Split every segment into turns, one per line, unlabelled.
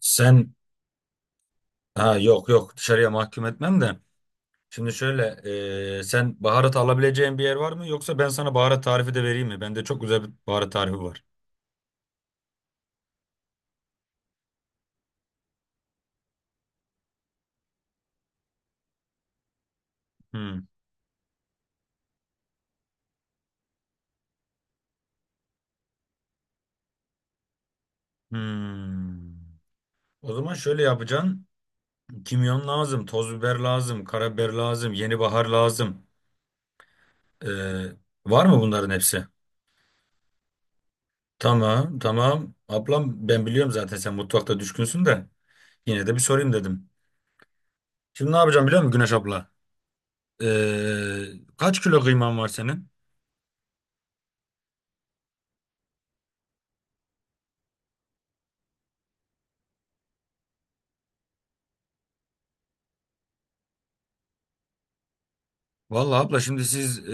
Sen ha, yok yok, dışarıya mahkum etmem de. Şimdi şöyle, sen baharat alabileceğin bir yer var mı? Yoksa ben sana baharat tarifi de vereyim mi? Bende çok güzel bir baharat tarifi var. Hmm. Hmm. O zaman şöyle yapacaksın. Kimyon lazım, toz biber lazım, karabiber lazım, yeni bahar lazım. E, var mı bunların hepsi? Tamam, tamam. Ablam, ben biliyorum zaten sen mutfakta düşkünsün de. Yine de bir sorayım dedim. Şimdi ne yapacağım biliyor musun Güneş abla? E, kaç kilo kıyman var senin? Vallahi abla, şimdi siz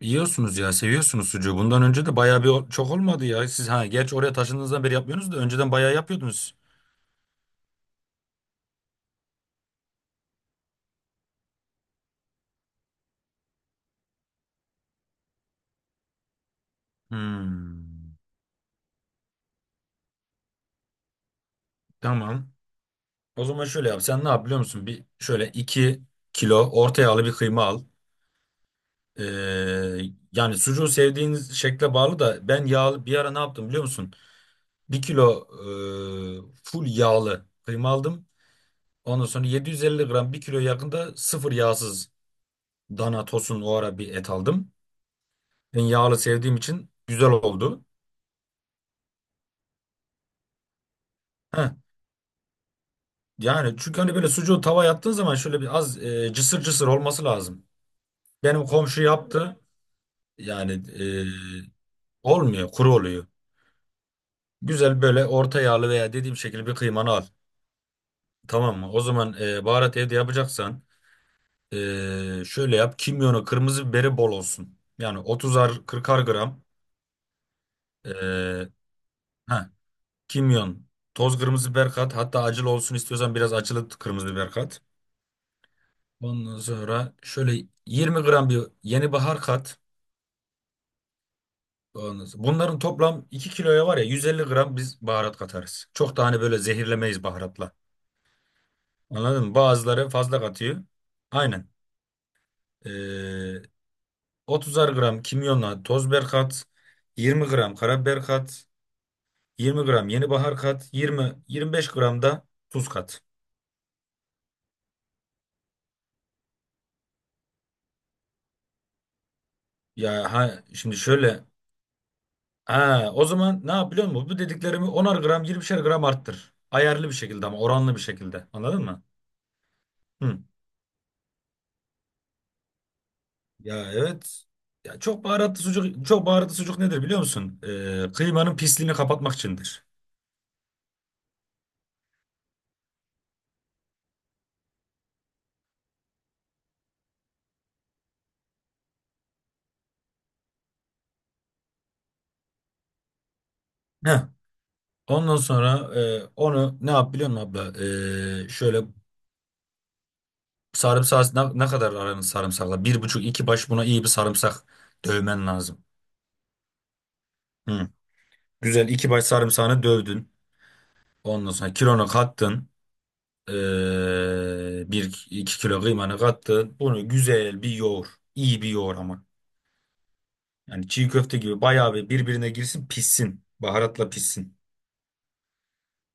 yiyorsunuz ya, seviyorsunuz sucuğu. Bundan önce de bayağı bir çok olmadı ya. Siz ha, gerçi oraya taşındığınızdan beri yapmıyorsunuz da önceden bayağı yapıyordunuz. Hmm, tamam. O zaman şöyle yap. Sen ne yap biliyor musun? Bir şöyle 2 kilo orta yağlı bir kıyma al. E, yani, sucuğu sevdiğiniz şekle bağlı da ben yağlı bir ara ne yaptım biliyor musun? 1 kilo full yağlı kıyma aldım. Ondan sonra 750 gram, 1 kilo yakında sıfır yağsız Dana tosun, o ara bir et aldım. Ben yağlı sevdiğim için güzel oldu. Heh, yani çünkü hani böyle sucuğu tavaya attığın zaman şöyle bir az cısır cısır olması lazım. Benim komşu yaptı. Yani e, olmuyor, kuru oluyor. Güzel böyle orta yağlı veya dediğim şekilde bir kıymanı al. Tamam mı? O zaman baharat evde yapacaksan, şöyle yap. Kimyonu, kırmızı biberi bol olsun. Yani 30'ar 40'ar gram. E, heh, kimyon, toz kırmızı biber kat. Hatta acılı olsun istiyorsan biraz acılı kırmızı biber kat. Ondan sonra şöyle 20 gram bir yeni bahar kat. Bunların toplam 2 kiloya var ya, 150 gram biz baharat katarız. Çok da hani böyle zehirlemeyiz baharatla. Anladın mı? Bazıları fazla katıyor. Aynen. Ee, 30'ar gram kimyonla toz biber kat. 20 gram karabiber kat. 20 gram yeni bahar kat. 20 25 gram da tuz kat. Ya ha, şimdi şöyle. Ha, o zaman ne yap biliyor musun? Bu dediklerimi 10'ar gram, 20'şer gram arttır. Ayarlı bir şekilde ama oranlı bir şekilde. Anladın mı? Hı. Ya evet. Ya çok baharatlı sucuk, çok baharatlı sucuk nedir biliyor musun? Kıymanın pisliğini kapatmak içindir. Heh. Ondan sonra, onu ne yap biliyor musun abla? Şöyle sarımsak, ne kadar aranız sarımsakla? Bir buçuk iki baş buna iyi bir sarımsak dövmen lazım. Hı. Güzel 2 baş sarımsağını dövdün. Ondan sonra kilonu kattın. Bir iki kilo kıymanı kattın. Bunu güzel bir yoğur. İyi bir yoğur ama. Yani çiğ köfte gibi bayağı bir birbirine girsin pişsin. Baharatla pişsin.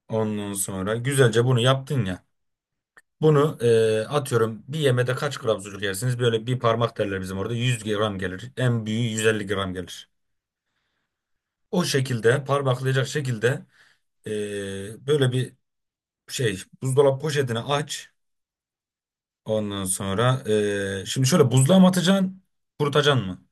Ondan sonra güzelce bunu yaptın ya. Bunu, atıyorum, bir yemede kaç gram sucuk yersiniz? Böyle bir parmak derler bizim orada. 100 gram gelir. En büyüğü 150 gram gelir. O şekilde parmaklayacak şekilde, böyle bir şey, buzdolabı poşetini aç. Ondan sonra, şimdi şöyle, buzluğa mı atacaksın? Kurutacaksın mı?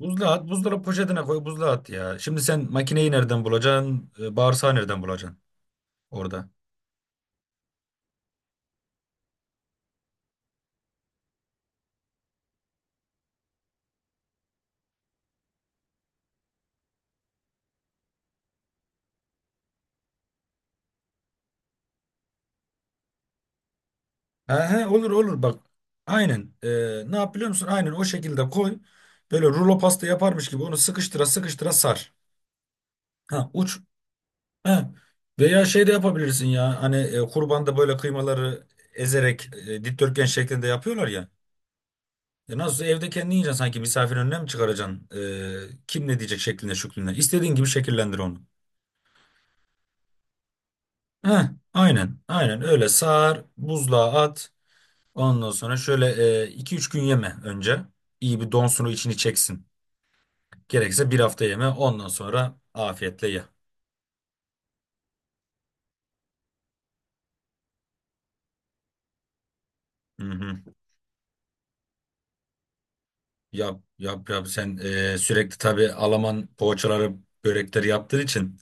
Buzluğa at, buzdolabı poşetine koy, buzluğa at ya. Şimdi sen makineyi nereden bulacaksın, bağırsağı nereden bulacaksın orada? He he, olur olur, bak. Aynen. Ne yap biliyor musun? Aynen o şekilde koy. Böyle rulo pasta yaparmış gibi onu sıkıştıra sıkıştıra sar. Ha uç. He. Veya şey de yapabilirsin ya. Hani, kurbanda böyle kıymaları ezerek, dikdörtgen şeklinde yapıyorlar ya. Nasıl, evde kendi yiyeceksin sanki misafir önüne mi çıkaracaksın? Kim ne diyecek şeklinde şüklüne. İstediğin gibi şekillendir onu. Heh, aynen aynen öyle sar, buzluğa at, ondan sonra şöyle, iki üç gün yeme önce iyi bir donsunu içini çeksin, gerekirse bir hafta yeme, ondan sonra afiyetle ye. Hı hı. Yap yap yap sen, sürekli tabii Alman poğaçaları börekleri yaptığın için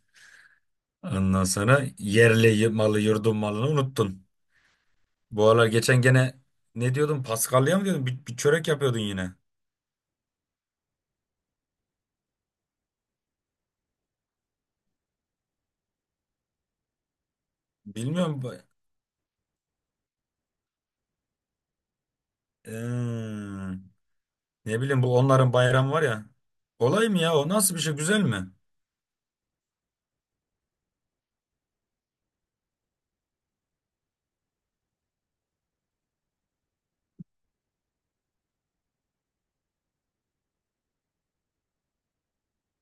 ondan sonra yerli malı yurdun malını unuttun. Bu aralar geçen gene ne diyordun, Paskalya mı diyordun, bir çörek yapıyordun yine bilmiyorum. Hmm. Ne bileyim bu onların bayramı var ya. Olay mı ya, o nasıl bir şey, güzel mi?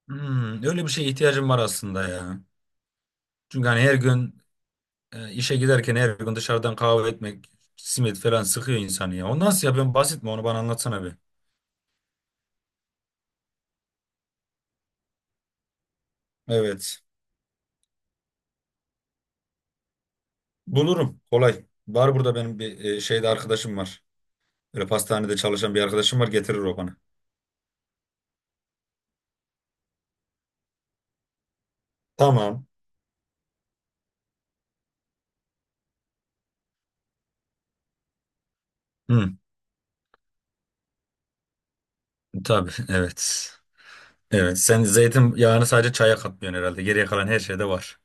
Hmm, öyle bir şeye ihtiyacım var aslında ya. Çünkü hani her gün, işe giderken her gün dışarıdan kahve etmek, simit falan sıkıyor insanı ya. O nasıl ya, ben basit mi onu bana anlatsana bir. Evet. Bulurum kolay. Var burada benim bir, şeyde arkadaşım var. Böyle pastanede çalışan bir arkadaşım var, getirir o bana. Tamam. Hı, tabii evet. Evet, sen zeytin yağını sadece çaya katmıyorsun herhalde. Geriye kalan her şeyde var.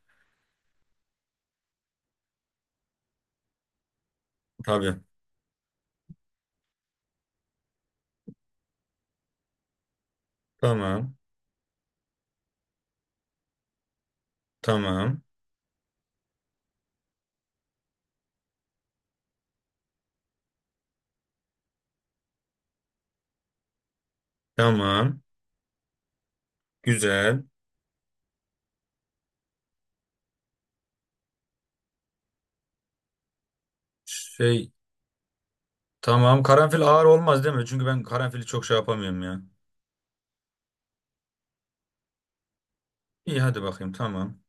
Tabii. Tamam. Tamam. Tamam. Güzel. Şey, tamam, karanfil ağır olmaz değil mi? Çünkü ben karanfili çok şey yapamıyorum ya. İyi hadi bakayım, tamam.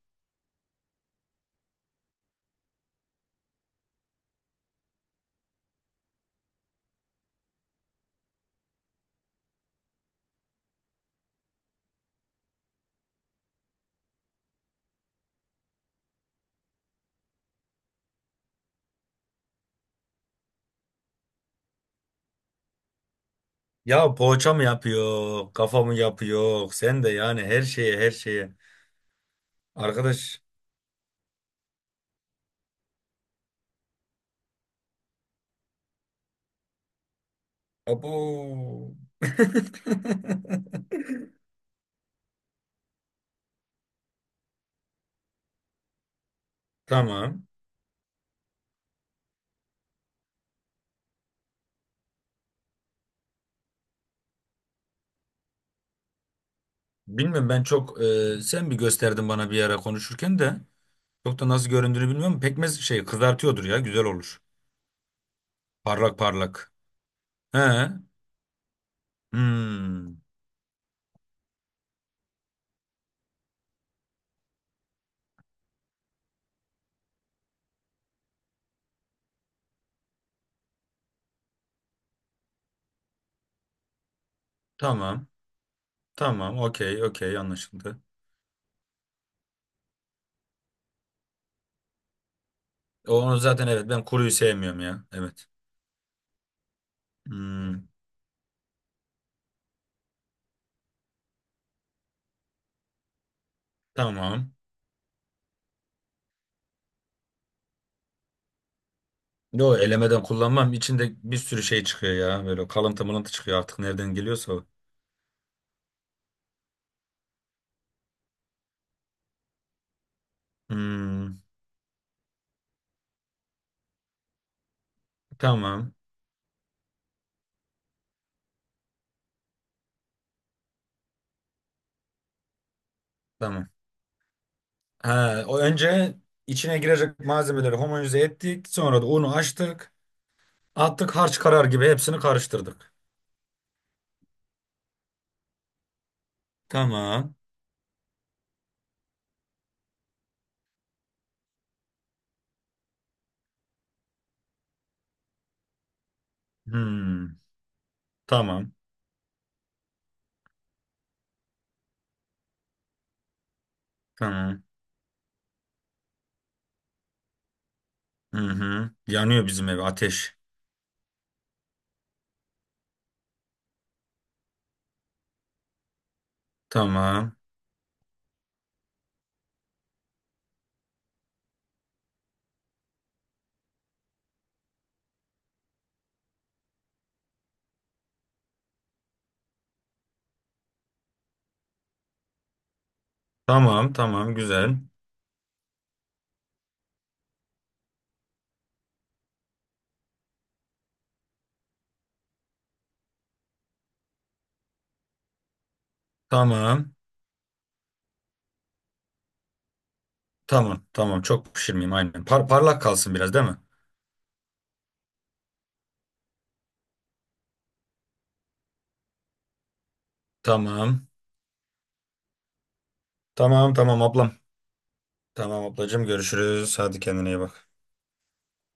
Ya poğaça mı yapıyor? Kafa mı yapıyor? Sen de yani her şeye her şeye. Arkadaş. Abo. Tamam. Bilmiyorum, ben çok, sen bir gösterdin bana bir ara konuşurken de çok da nasıl göründüğünü bilmiyorum. Pekmez şey kızartıyordur ya, güzel olur. Parlak parlak. He. Hmm. Tamam. Tamam, okey, okey, anlaşıldı. Onu zaten evet ben kuruyu sevmiyorum ya. Evet. Hmm, tamam. Yo, elemeden kullanmam. İçinde bir sürü şey çıkıyor ya. Böyle kalıntı mılıntı çıkıyor artık nereden geliyorsa o. Hmm, tamam. Tamam. Ha, o önce içine girecek malzemeleri homojenize ettik. Sonra da unu açtık. Attık, harç karar gibi hepsini karıştırdık. Tamam. Hmm, tamam. Tamam. Hı hı. Yanıyor bizim ev, ateş. Tamam. Tamam tamam güzel. Tamam. Tamam. Tamam. Çok pişirmeyeyim aynen. Parlak kalsın biraz değil mi? Tamam. Tamam tamam ablam. Tamam ablacığım görüşürüz. Hadi kendine iyi bak.